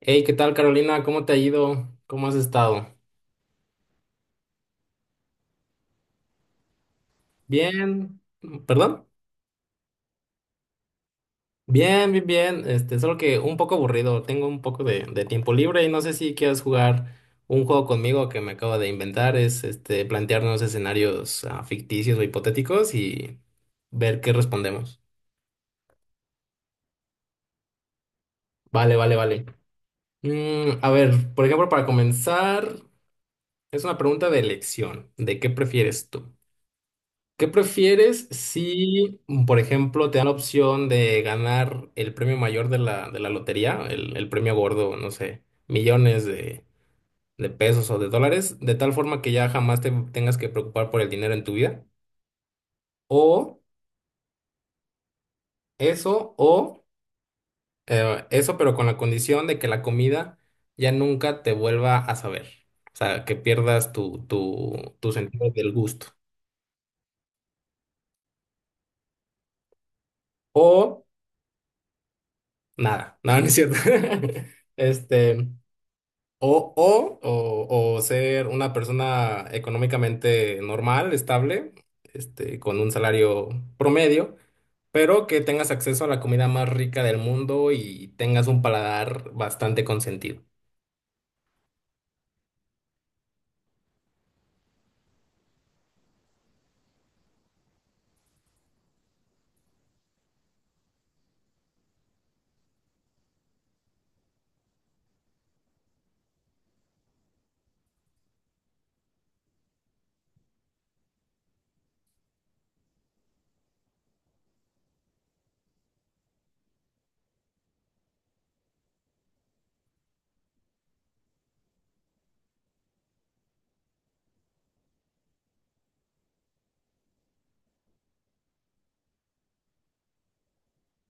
Hey, ¿qué tal, Carolina? ¿Cómo te ha ido? ¿Cómo has estado? Bien, ¿perdón? Bien, bien, bien. Solo que un poco aburrido. Tengo un poco de tiempo libre y no sé si quieres jugar un juego conmigo que me acabo de inventar. Es plantearnos escenarios ficticios o hipotéticos y ver qué respondemos. Vale, vale, vale. A ver, por ejemplo, para comenzar, es una pregunta de elección. ¿De qué prefieres tú? ¿Qué prefieres si, por ejemplo, te dan la opción de ganar el premio mayor de la lotería, el premio gordo, no sé, millones de pesos o de dólares, de tal forma que ya jamás te tengas que preocupar por el dinero en tu vida? O o eso, pero con la condición de que la comida ya nunca te vuelva a saber. O sea, que pierdas tu sentido del gusto. O nada, nada, no es cierto. Este. O ser una persona económicamente normal, estable, con un salario promedio, pero que tengas acceso a la comida más rica del mundo y tengas un paladar bastante consentido.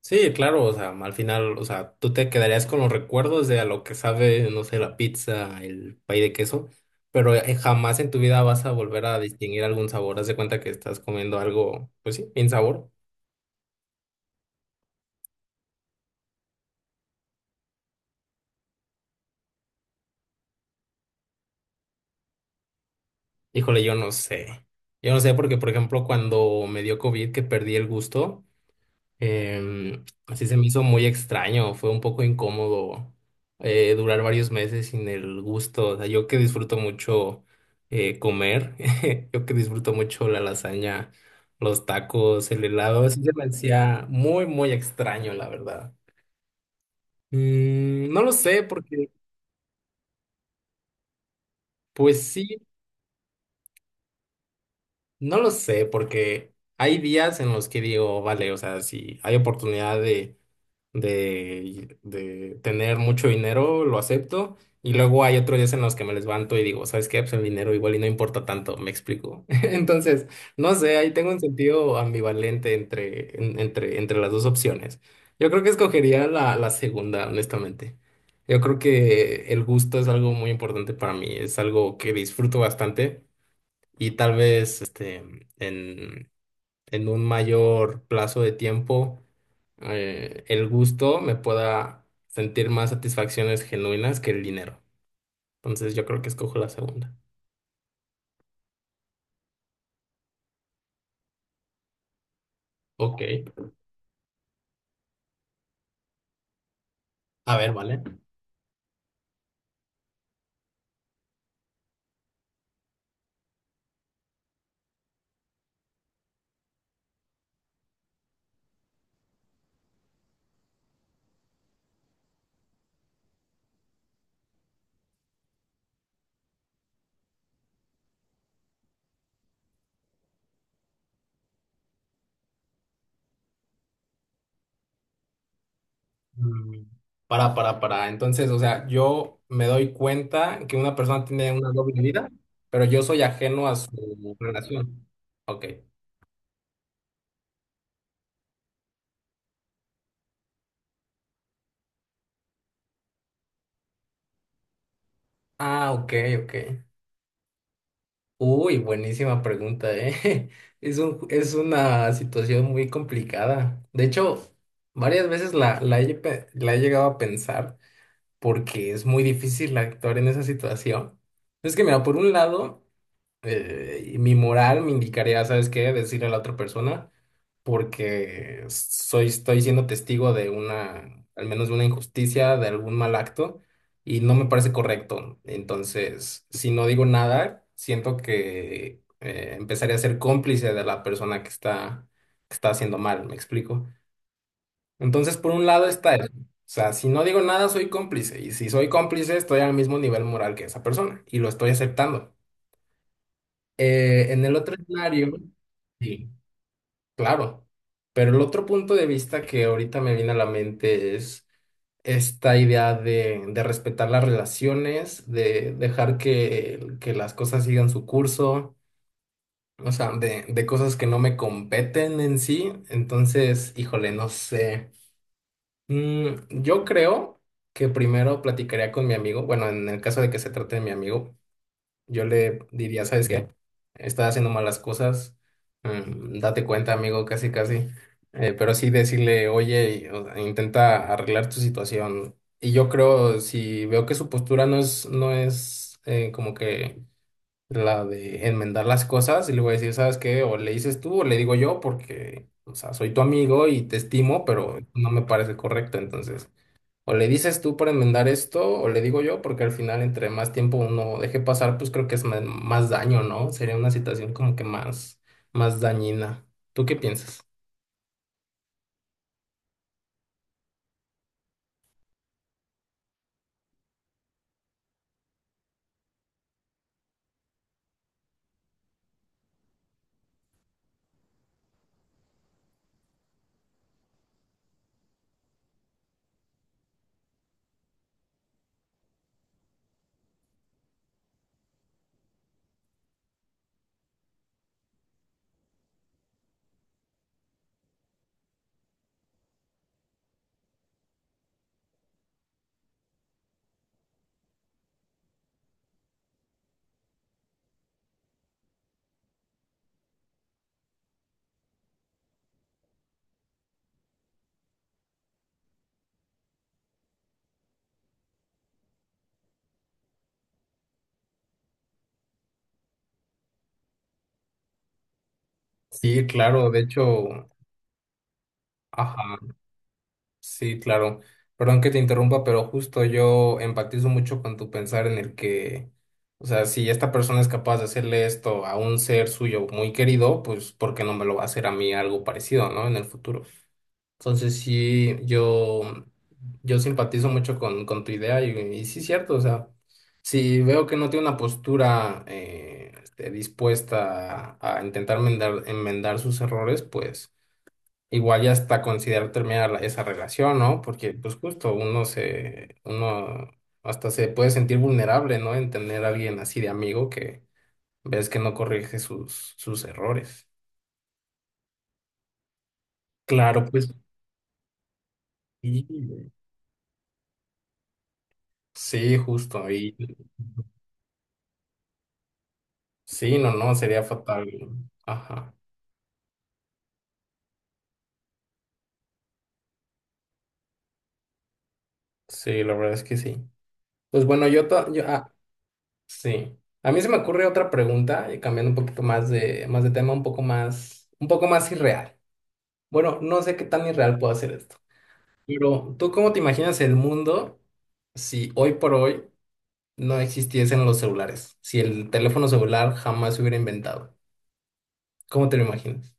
Sí, claro, o sea, al final, o sea, tú te quedarías con los recuerdos de a lo que sabe, no sé, la pizza, el pay de queso, pero jamás en tu vida vas a volver a distinguir algún sabor. Haz de cuenta que estás comiendo algo, pues sí, sin sabor. Híjole, yo no sé. Yo no sé porque, por ejemplo, cuando me dio COVID, que perdí el gusto, así se me hizo muy extraño. Fue un poco incómodo durar varios meses sin el gusto. O sea, yo que disfruto mucho comer, yo que disfruto mucho la lasaña, los tacos, el helado, así se me hacía muy, muy extraño, la verdad. No lo sé porque, pues sí. No lo sé, porque hay días en los que digo, vale, o sea, si hay oportunidad de tener mucho dinero, lo acepto. Y luego hay otros días en los que me levanto y digo, ¿sabes qué? Pues el dinero igual y no importa tanto, me explico. Entonces, no sé, ahí tengo un sentido ambivalente entre las dos opciones. Yo creo que escogería la segunda, honestamente. Yo creo que el gusto es algo muy importante para mí, es algo que disfruto bastante y tal vez en, en un mayor plazo de tiempo el gusto me pueda sentir más satisfacciones genuinas que el dinero. Entonces yo creo que escojo la segunda. Ok, a ver, vale. Mm, para, para. Entonces, o sea, yo me doy cuenta que una persona tiene una doble vida, pero yo soy ajeno a su relación. Ok. Ah, ok, ok. Uy, buenísima pregunta, ¿eh? Es un, es una situación muy complicada. De hecho, varias veces la he llegado a pensar porque es muy difícil actuar en esa situación. Es que, mira, por un lado mi moral me indicaría, ¿sabes qué? Decirle a la otra persona, porque soy, estoy siendo testigo de una, al menos de una injusticia, de algún mal acto, y no me parece correcto. Entonces, si no digo nada, siento que empezaré a ser cómplice de la persona que está haciendo mal, ¿me explico? Entonces, por un lado está eso. O sea, si no digo nada, soy cómplice. Y si soy cómplice, estoy al mismo nivel moral que esa persona. Y lo estoy aceptando. En el otro escenario, sí, claro, pero el otro punto de vista que ahorita me viene a la mente es esta idea de respetar las relaciones, de dejar que las cosas sigan su curso, o sea, de cosas que no me competen en sí. Entonces, híjole, no sé. Mm, yo creo que primero platicaría con mi amigo, bueno, en el caso de que se trate de mi amigo. Yo le diría, ¿sabes qué? Estás haciendo malas cosas, date cuenta, amigo, casi, casi. Pero sí decirle, oye, y, o sea, intenta arreglar tu situación. Y yo creo, si veo que su postura no es, como que la de enmendar las cosas, y le voy a decir, ¿sabes qué? O le dices tú o le digo yo, porque, o sea, soy tu amigo y te estimo, pero no me parece correcto, entonces. O le dices tú para enmendar esto, o le digo yo, porque al final entre más tiempo uno deje pasar, pues creo que es más daño, ¿no? Sería una situación como que más, más dañina. ¿Tú qué piensas? Sí, claro, de hecho, ajá, sí, claro. Perdón que te interrumpa, pero justo yo empatizo mucho con tu pensar en el que, o sea, si esta persona es capaz de hacerle esto a un ser suyo muy querido, pues ¿por qué no me lo va a hacer a mí algo parecido, ¿no? En el futuro. Entonces sí, yo simpatizo mucho con tu idea y sí es cierto, o sea, si veo que no tiene una postura dispuesta a intentar enmendar, enmendar sus errores, pues igual ya hasta considerar terminar esa relación, ¿no? Porque pues justo uno hasta se puede sentir vulnerable, ¿no? En tener a alguien así de amigo que ves que no corrige sus errores. Claro, pues. Sí, sí, justo ahí. Sí, no, no, sería fatal. Ajá. Sí, la verdad es que sí. Pues bueno, yo, to- yo ah, sí. A mí se me ocurre otra pregunta, cambiando un poquito más de tema, un poco más irreal. Bueno, no sé qué tan irreal puedo hacer esto. Pero, ¿tú cómo te imaginas el mundo si hoy por hoy no existiesen los celulares? Si el teléfono celular jamás se hubiera inventado. ¿Cómo te lo imaginas?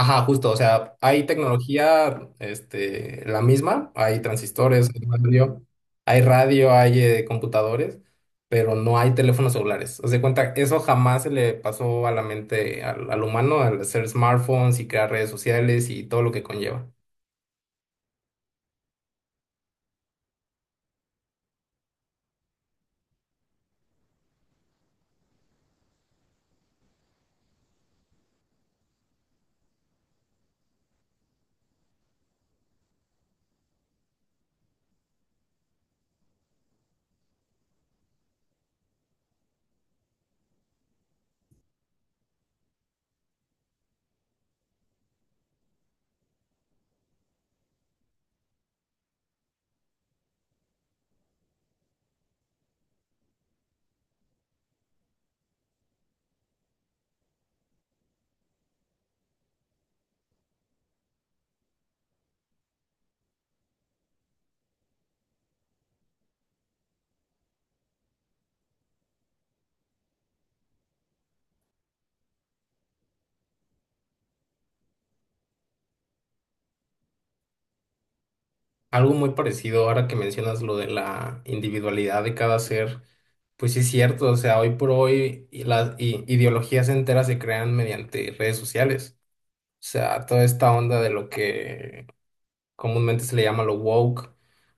Ajá, justo, o sea, hay tecnología, la misma, hay transistores, hay radio, hay computadores, pero no hay teléfonos celulares. O sea, cuenta, eso jamás se le pasó a la mente al, al humano al hacer smartphones y crear redes sociales y todo lo que conlleva. Algo muy parecido ahora que mencionas lo de la individualidad de cada ser, pues sí es cierto, o sea, hoy por hoy y las ideologías enteras se crean mediante redes sociales. O sea, toda esta onda de lo que comúnmente se le llama lo woke,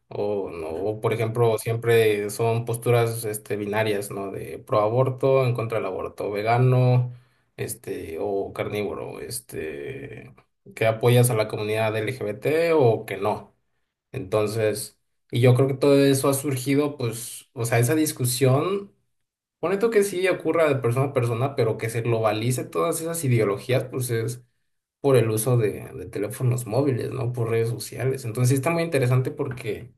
o, no, o, por ejemplo, siempre son posturas binarias, ¿no? De pro aborto, en contra del aborto, vegano, o carnívoro, que apoyas a la comunidad LGBT o que no. Entonces, y yo creo que todo eso ha surgido, pues, o sea, esa discusión, pone tú que sí ocurra de persona a persona, pero que se globalice todas esas ideologías, pues es por el uso de teléfonos móviles, ¿no? Por redes sociales. Entonces sí está muy interesante porque,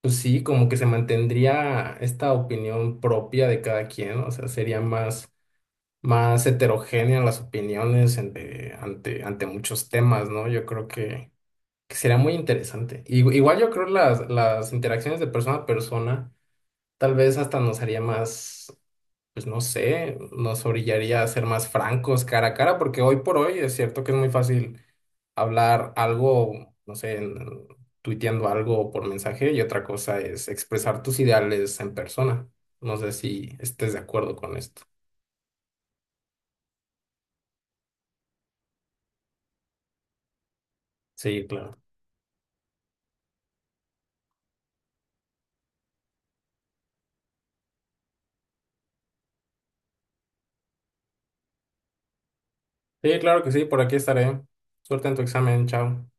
pues sí, como que se mantendría esta opinión propia de cada quien, ¿no? O sea, sería más, más heterogénea las opiniones ante muchos temas, ¿no? Yo creo que sería muy interesante. Igual yo creo las interacciones de persona a persona tal vez hasta nos haría más pues no sé, nos orillaría a ser más francos cara a cara, porque hoy por hoy es cierto que es muy fácil hablar algo, no sé, tuiteando algo por mensaje y otra cosa es expresar tus ideales en persona. No sé si estés de acuerdo con esto. Sí, claro. Sí, claro que sí, por aquí estaré. Suerte en tu examen, chao.